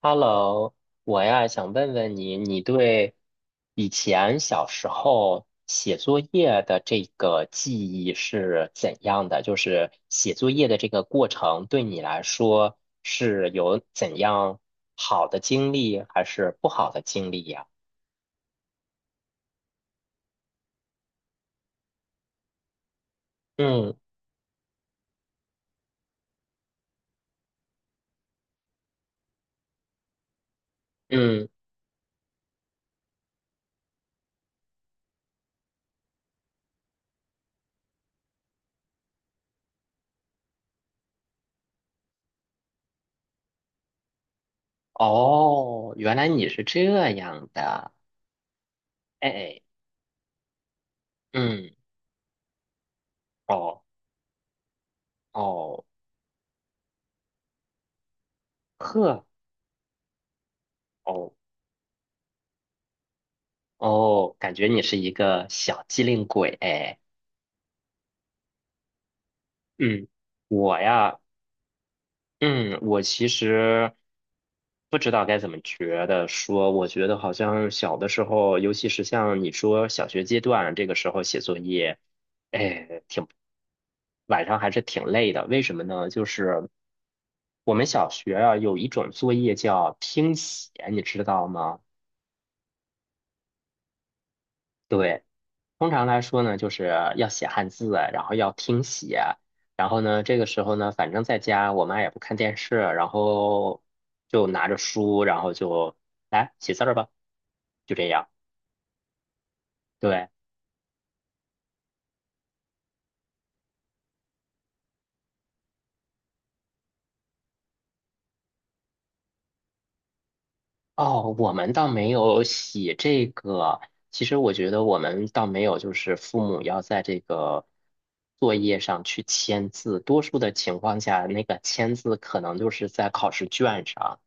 Hello，我呀想问问你，你对以前小时候写作业的这个记忆是怎样的？就是写作业的这个过程对你来说是有怎样好的经历，还是不好的经历呀？嗯嗯，哦，原来你是这样的，哎，嗯，哦哦，呵，哦哦，感觉你是一个小机灵鬼，哎。嗯，我呀，嗯，我其实不知道该怎么觉得说，我觉得好像小的时候，尤其是像你说小学阶段这个时候写作业，哎，挺晚上还是挺累的。为什么呢？就是我们小学啊有一种作业叫听写，你知道吗？对。通常来说呢，就是要写汉字，然后要听写，然后呢，这个时候呢，反正在家我妈也不看电视，然后就拿着书，然后就来写字儿吧，就这样。对，哦，我们倒没有写这个。其实我觉得我们倒没有，就是父母要在这个作业上去签字。多数的情况下，那个签字可能就是在考试卷上。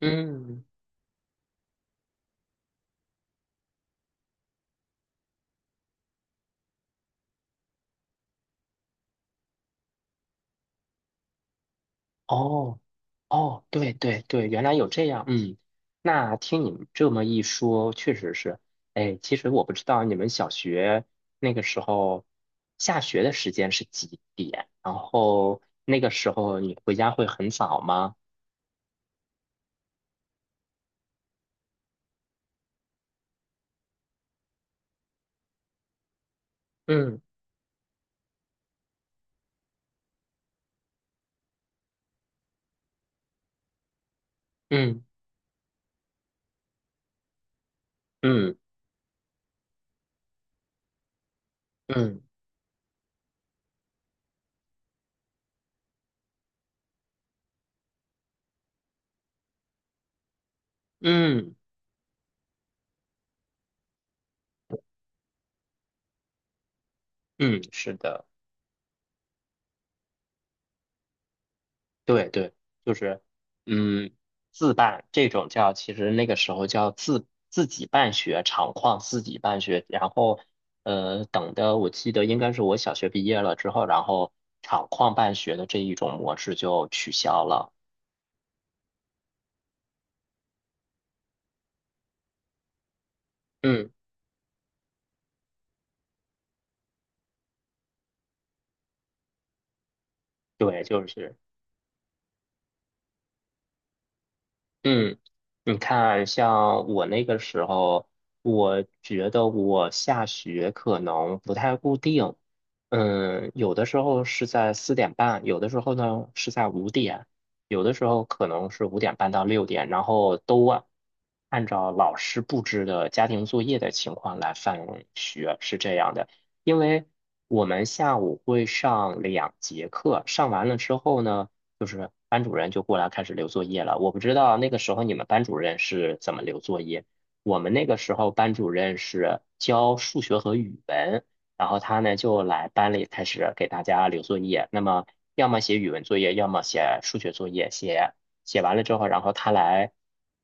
嗯，哦。哦，对对对，原来有这样，嗯，那听你们这么一说，确实是，哎，其实我不知道你们小学那个时候下学的时间是几点，然后那个时候你回家会很早吗？嗯嗯嗯嗯嗯嗯嗯，是的。对对，就是，嗯，自办这种叫，其实那个时候叫自己办学，厂矿自己办学，然后，等的我记得应该是我小学毕业了之后，然后厂矿办学的这一种模式就取消了。嗯，对，就是。嗯，你看，像我那个时候，我觉得我下学可能不太固定，嗯，有的时候是在4:30，有的时候呢是在五点，有的时候可能是5:30到6点，然后都啊按照老师布置的家庭作业的情况来放学，是这样的。因为我们下午会上两节课，上完了之后呢。就是班主任就过来开始留作业了。我不知道那个时候你们班主任是怎么留作业。我们那个时候班主任是教数学和语文，然后他呢就来班里开始给大家留作业。那么要么写语文作业，要么写数学作业。写完了之后，然后他来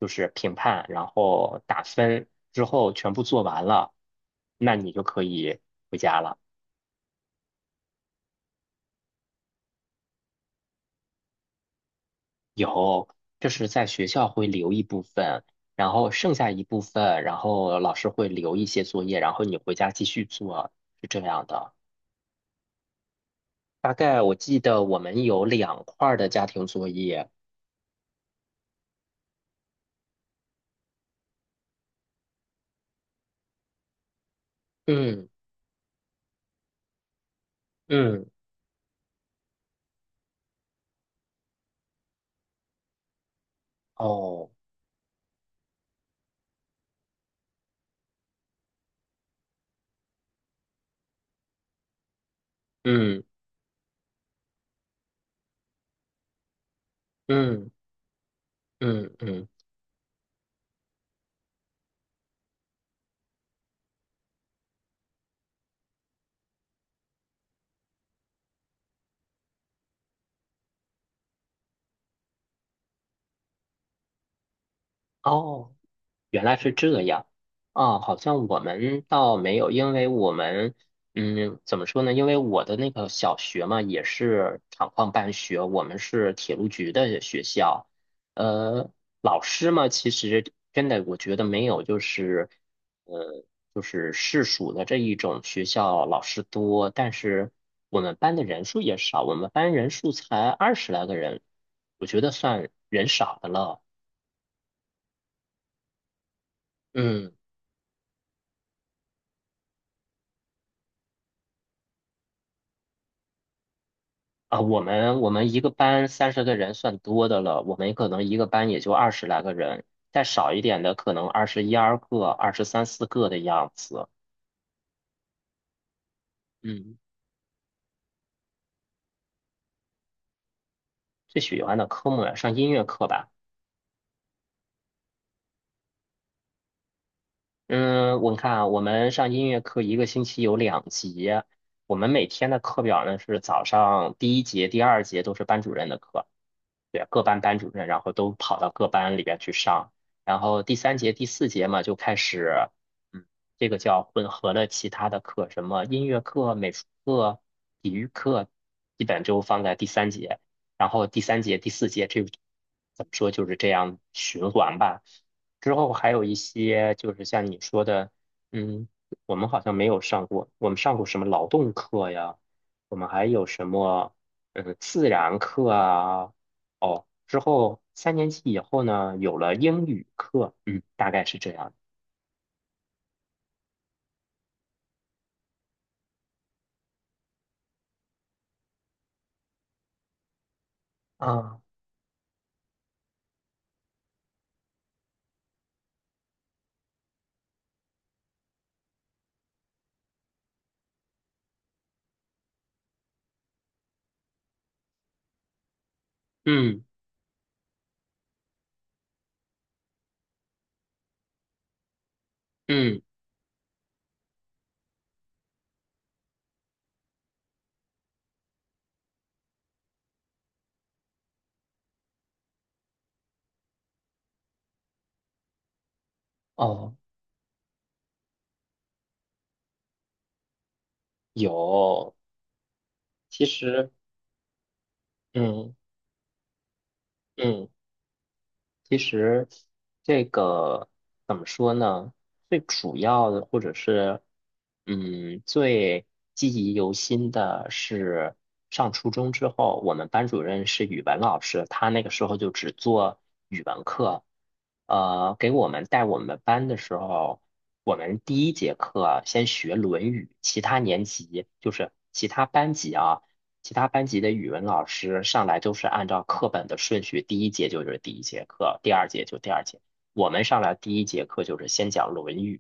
就是评判，然后打分，之后全部做完了，那你就可以回家了。有，就是在学校会留一部分，然后剩下一部分，然后老师会留一些作业，然后你回家继续做，是这样的。大概我记得我们有两块儿的家庭作业，嗯嗯，哦，嗯嗯嗯嗯，哦。原来是这样，啊，好像我们倒没有，因为我们，嗯，怎么说呢？因为我的那个小学嘛，也是厂矿办学，我们是铁路局的学校，呃，老师嘛，其实真的我觉得没有，就是，呃，就是市属的这一种学校老师多，但是我们班的人数也少，我们班人数才二十来个人，我觉得算人少的了，嗯。啊，我们一个班30个人算多的了，我们可能一个班也就二十来个人，再少一点的可能二十一二个、二十三四个的样子。嗯，最喜欢的科目呀上音乐课吧。嗯，我看啊，我们上音乐课一个星期有两节，我们每天的课表呢是早上第一节、第二节都是班主任的课，对，各班班主任，然后都跑到各班里边去上，然后第三节、第四节嘛就开始，嗯，这个叫混合了其他的课，什么音乐课、美术课、体育课，基本就放在第三节，然后第三节、第四节这怎么说就是这样循环吧。之后还有一些就是像你说的，嗯，我们好像没有上过，我们上过什么劳动课呀？我们还有什么，嗯，自然课啊？哦，之后三年级以后呢，有了英语课，嗯，大概是这样。啊，嗯嗯，哦，有，其实，嗯嗯。其实这个怎么说呢？最主要的，或者是嗯，最记忆犹新的是上初中之后，我们班主任是语文老师，他那个时候就只做语文课。给我们带我们班的时候，我们第一节课先学《论语》，其他年级就是其他班级啊。其他班级的语文老师上来都是按照课本的顺序，第一节就是第一节课，第二节就第二节。我们上来第一节课就是先讲《论语》，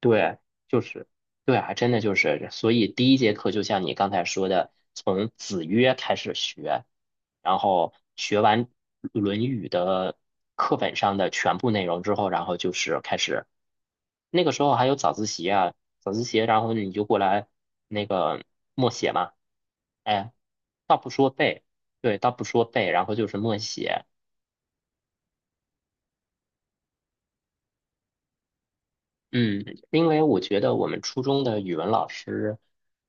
对，就是对啊，真的就是，所以第一节课就像你刚才说的，从子曰开始学，然后学完《论语》的课本上的全部内容之后，然后就是开始那个时候还有早自习啊，早自习，然后你就过来那个默写嘛。哎，倒不说背，对，倒不说背，然后就是默写。嗯，因为我觉得我们初中的语文老师，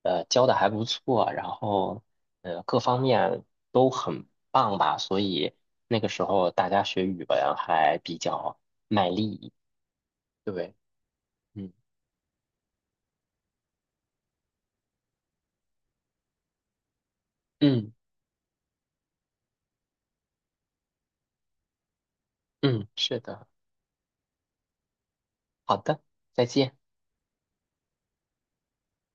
教的还不错，然后各方面都很棒吧，所以那个时候大家学语文还比较卖力。对，嗯嗯嗯，是的，好的，再见。